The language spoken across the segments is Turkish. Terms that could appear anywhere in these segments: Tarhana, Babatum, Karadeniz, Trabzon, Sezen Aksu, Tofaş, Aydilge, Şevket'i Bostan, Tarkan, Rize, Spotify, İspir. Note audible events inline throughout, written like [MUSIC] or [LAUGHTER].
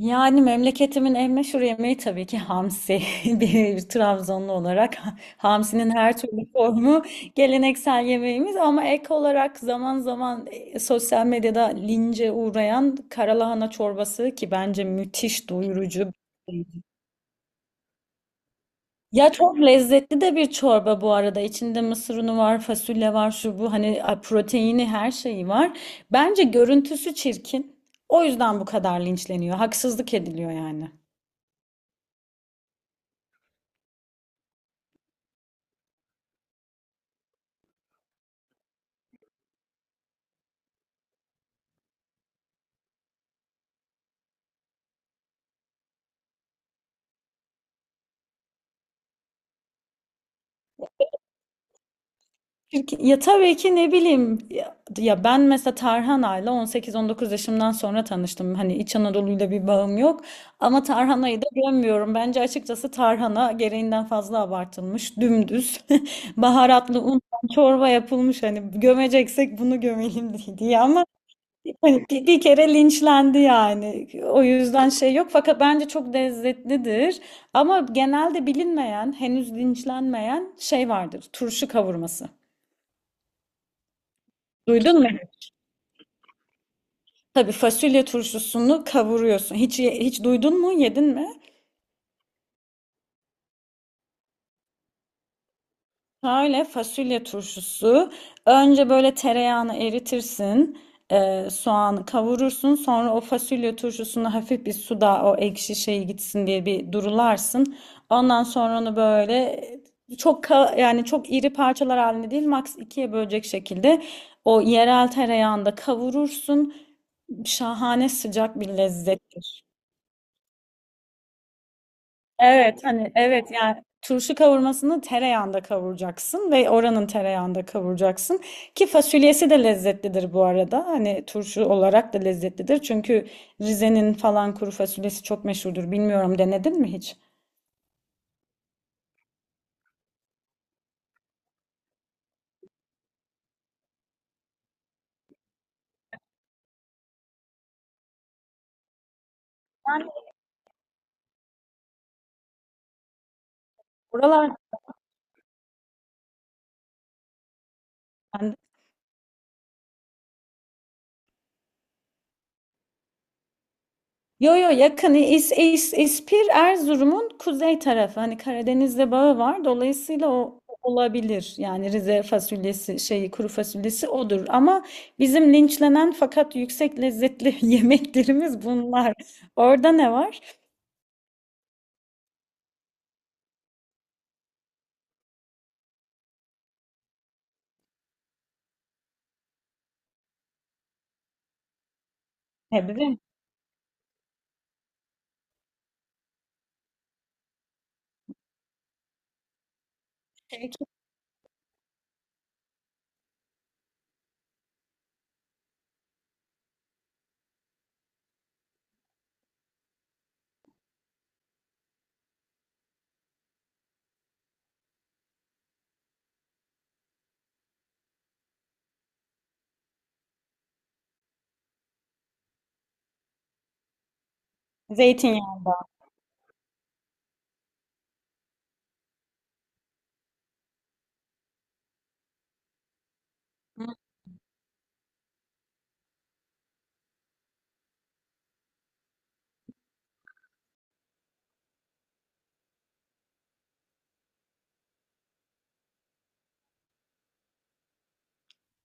Yani memleketimin en meşhur yemeği tabii ki hamsi. [LAUGHS] Bir Trabzonlu olarak hamsinin her türlü formu geleneksel yemeğimiz ama ek olarak zaman zaman sosyal medyada lince uğrayan karalahana çorbası ki bence müthiş doyurucu bir şey. Ya çok lezzetli de bir çorba bu arada. İçinde mısır unu var, fasulye var, şu bu hani proteini her şeyi var. Bence görüntüsü çirkin. O yüzden bu kadar linçleniyor. Haksızlık ediliyor yani. Çünkü ya tabii ki ne bileyim ya ben mesela Tarhana'yla 18-19 yaşımdan sonra tanıştım. Hani İç Anadolu'yla bir bağım yok ama Tarhana'yı da gömüyorum. Bence açıkçası Tarhana gereğinden fazla abartılmış, dümdüz, [LAUGHS] baharatlı un çorba yapılmış, hani gömeceksek bunu gömelim [LAUGHS] diye ama hani bir kere linçlendi yani. O yüzden şey yok, fakat bence çok lezzetlidir. Ama genelde bilinmeyen, henüz linçlenmeyen şey vardır. Turşu kavurması. Duydun mu? Tabii fasulye turşusunu kavuruyorsun. Hiç hiç duydun mu? Yedin mi? Şöyle fasulye turşusu. Önce böyle tereyağını eritirsin. Soğanı kavurursun. Sonra o fasulye turşusunu hafif bir suda o ekşi şey gitsin diye bir durularsın. Ondan sonra onu böyle çok yani çok iri parçalar halinde değil, maks ikiye bölecek şekilde o yerel tereyağında kavurursun. Şahane sıcak bir lezzet. Evet, hani evet, yani turşu kavurmasını tereyağında kavuracaksın ve oranın tereyağında kavuracaksın ki fasulyesi de lezzetlidir bu arada. Hani turşu olarak da lezzetlidir. Çünkü Rize'nin falan kuru fasulyesi çok meşhurdur. Bilmiyorum, denedin mi hiç? Yani buralar. Yo yo, yakın İspir Erzurum'un kuzey tarafı, hani Karadeniz'le bağı var, dolayısıyla o olabilir yani. Rize fasulyesi şeyi, kuru fasulyesi odur ama bizim linçlenen fakat yüksek lezzetli [LAUGHS] yemeklerimiz bunlar. Orada ne var? Sebze, kekik, zeytinyağında. Hı.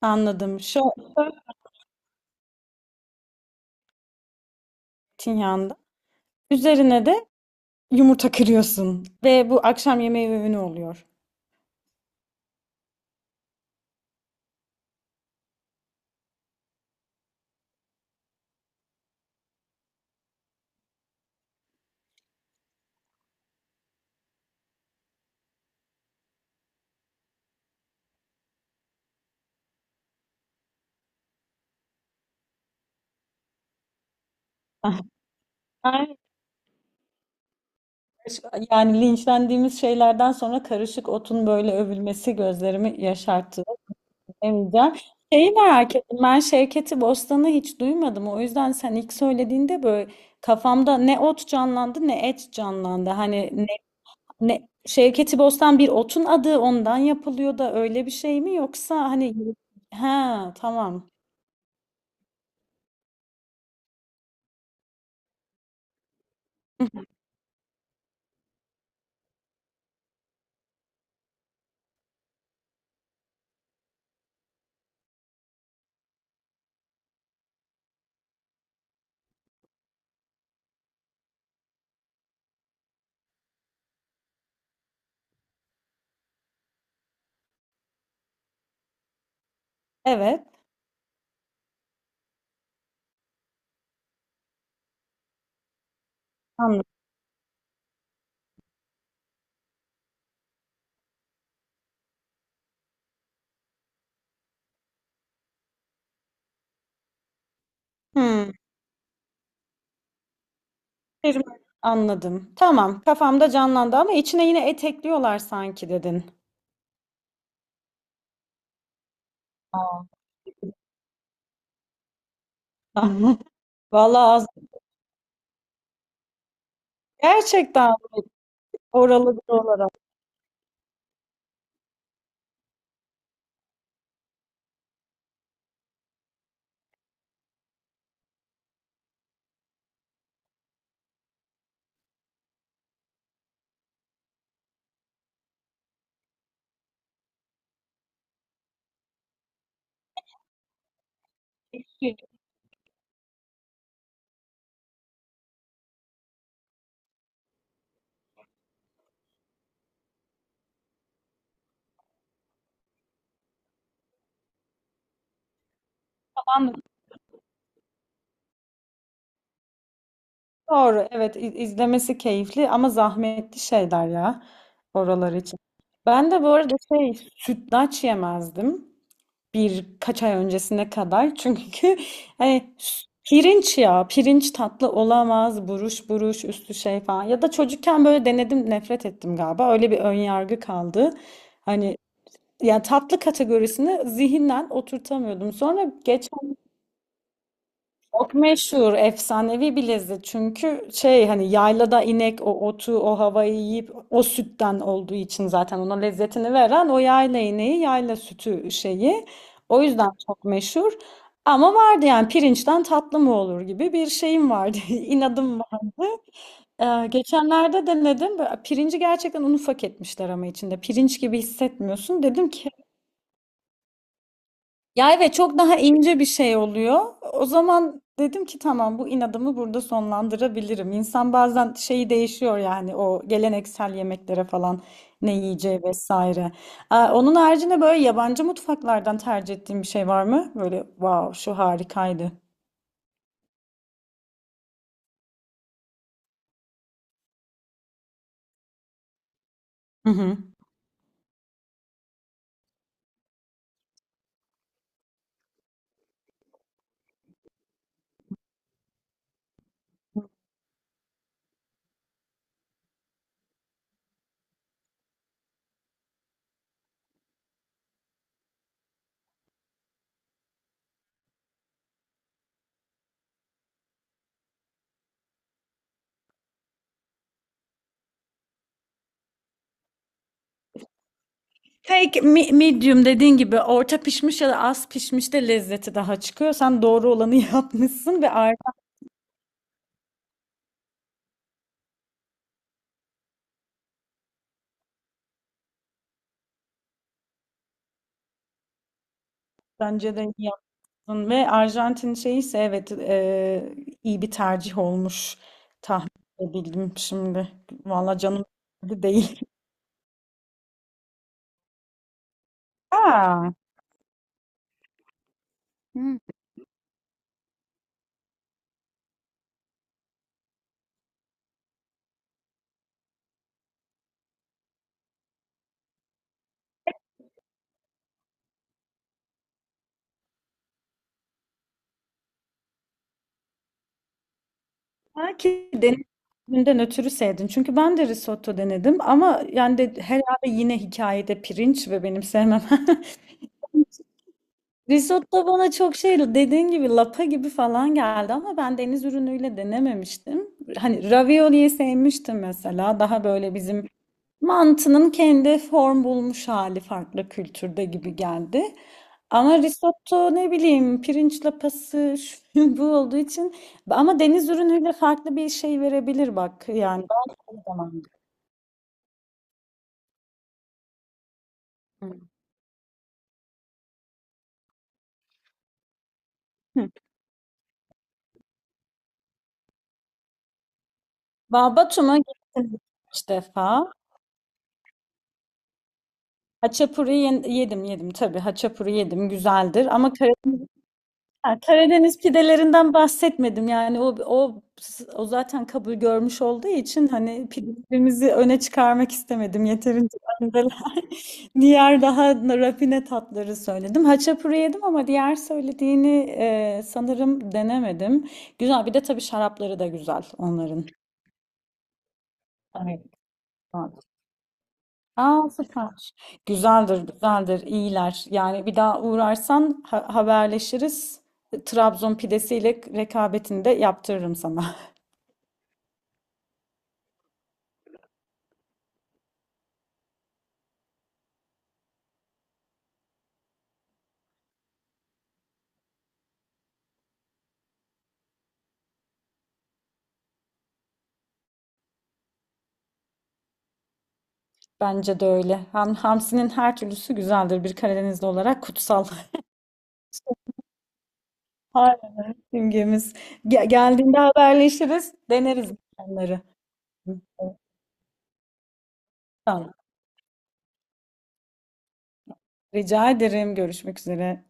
Anladım. Şu zeytinyağında. Üzerine de yumurta kırıyorsun ve bu akşam yemeği öğünü oluyor. [LAUGHS] Yani linçlendiğimiz şeylerden sonra karışık otun böyle övülmesi gözlerimi yaşarttı. Demeyeceğim. Şeyi merak ettim. Ben Şevket'i Bostan'ı hiç duymadım. O yüzden sen ilk söylediğinde böyle kafamda ne ot canlandı ne et canlandı. Hani ne, Şevket'i Bostan bir otun adı, ondan yapılıyor da öyle bir şey mi, yoksa hani, ha tamam. [LAUGHS] Evet. Anladım. Hmm. Terim- Anladım. Tamam. Kafamda canlandı ama içine yine et ekliyorlar sanki dedin. [LAUGHS] Vallahi gerçekten oralı bir olarak şey falan, doğru, evet, izlemesi keyifli ama zahmetli şeyler ya, oralar için. Ben de bu arada şey sütlaç yemezdim birkaç ay öncesine kadar çünkü [LAUGHS] hani pirinç, ya pirinç tatlı olamaz, buruş buruş üstü şey falan, ya da çocukken böyle denedim nefret ettim galiba, öyle bir ön yargı kaldı. Hani yani tatlı kategorisini zihinden oturtamıyordum. Sonra geç. Çok meşhur, efsanevi bir lezzet. Çünkü şey, hani yaylada inek o otu, o havayı yiyip o sütten olduğu için, zaten ona lezzetini veren o yayla ineği, yayla sütü şeyi. O yüzden çok meşhur. Ama vardı yani, pirinçten tatlı mı olur gibi bir şeyim vardı. [LAUGHS] inadım vardı. Geçenlerde denedim. Böyle pirinci gerçekten un ufak etmişler ama içinde. Pirinç gibi hissetmiyorsun. Dedim ki ya evet, çok daha ince bir şey oluyor. O zaman dedim ki tamam, bu inadımı burada sonlandırabilirim. İnsan bazen şeyi değişiyor yani, o geleneksel yemeklere falan ne yiyeceği vesaire. Aa, onun haricinde böyle yabancı mutfaklardan tercih ettiğin bir şey var mı? Böyle wow, şu harikaydı. Hı hı. Medium dediğin gibi, orta pişmiş ya da az pişmiş de lezzeti daha çıkıyor. Sen doğru olanı [LAUGHS] yapmışsın ve ayrı bence de iyi. Ve Arjantin şeyi ise, evet, iyi bir tercih olmuş, tahmin edebildim şimdi. Valla canım sıkıldı değil. [LAUGHS] Aa, Hı. Belki denediğimden ötürü sevdin. Çünkü ben de risotto denedim ama, yani de herhalde yine hikayede pirinç ve benim sevmem. [LAUGHS] Risotto bana çok şey, dediğin gibi lapa gibi falan geldi ama ben deniz ürünüyle denememiştim. Hani ravioliyi sevmiştim mesela. Daha böyle bizim mantının kendi form bulmuş hali farklı kültürde gibi geldi. Ama risotto ne bileyim, pirinç lapası şu [LAUGHS] bu olduğu için, ama deniz ürünüyle farklı bir şey verebilir bak, yani ben o zaman. Hı. Babatum'a gittim üç defa. Yedim yedim tabii, haçapuri yedim güzeldir ama ha, Karadeniz pidelerinden bahsetmedim. Yani o zaten kabul görmüş olduğu için hani pidelerimizi öne çıkarmak istemedim. Yeterince benzeler. [LAUGHS] Diğer daha rafine tatları söyledim. Haçapuri yedim ama diğer söylediğini sanırım denemedim. Güzel. Bir de tabii şarapları da güzel onların. Evet. Güzel. Aa süper. Güzeldir, güzeldir. İyiler Yani bir daha uğrarsan haberleşiriz. Trabzon pidesiyle rekabetini de yaptırırım sana. Bence de öyle. Hamsinin her türlüsü güzeldir. Bir Karadenizli olarak kutsal. [LAUGHS] Aynen. Simgemiz. Geldiğinde haberleşiriz. Deneriz onları. Tamam. Rica ederim. Görüşmek üzere.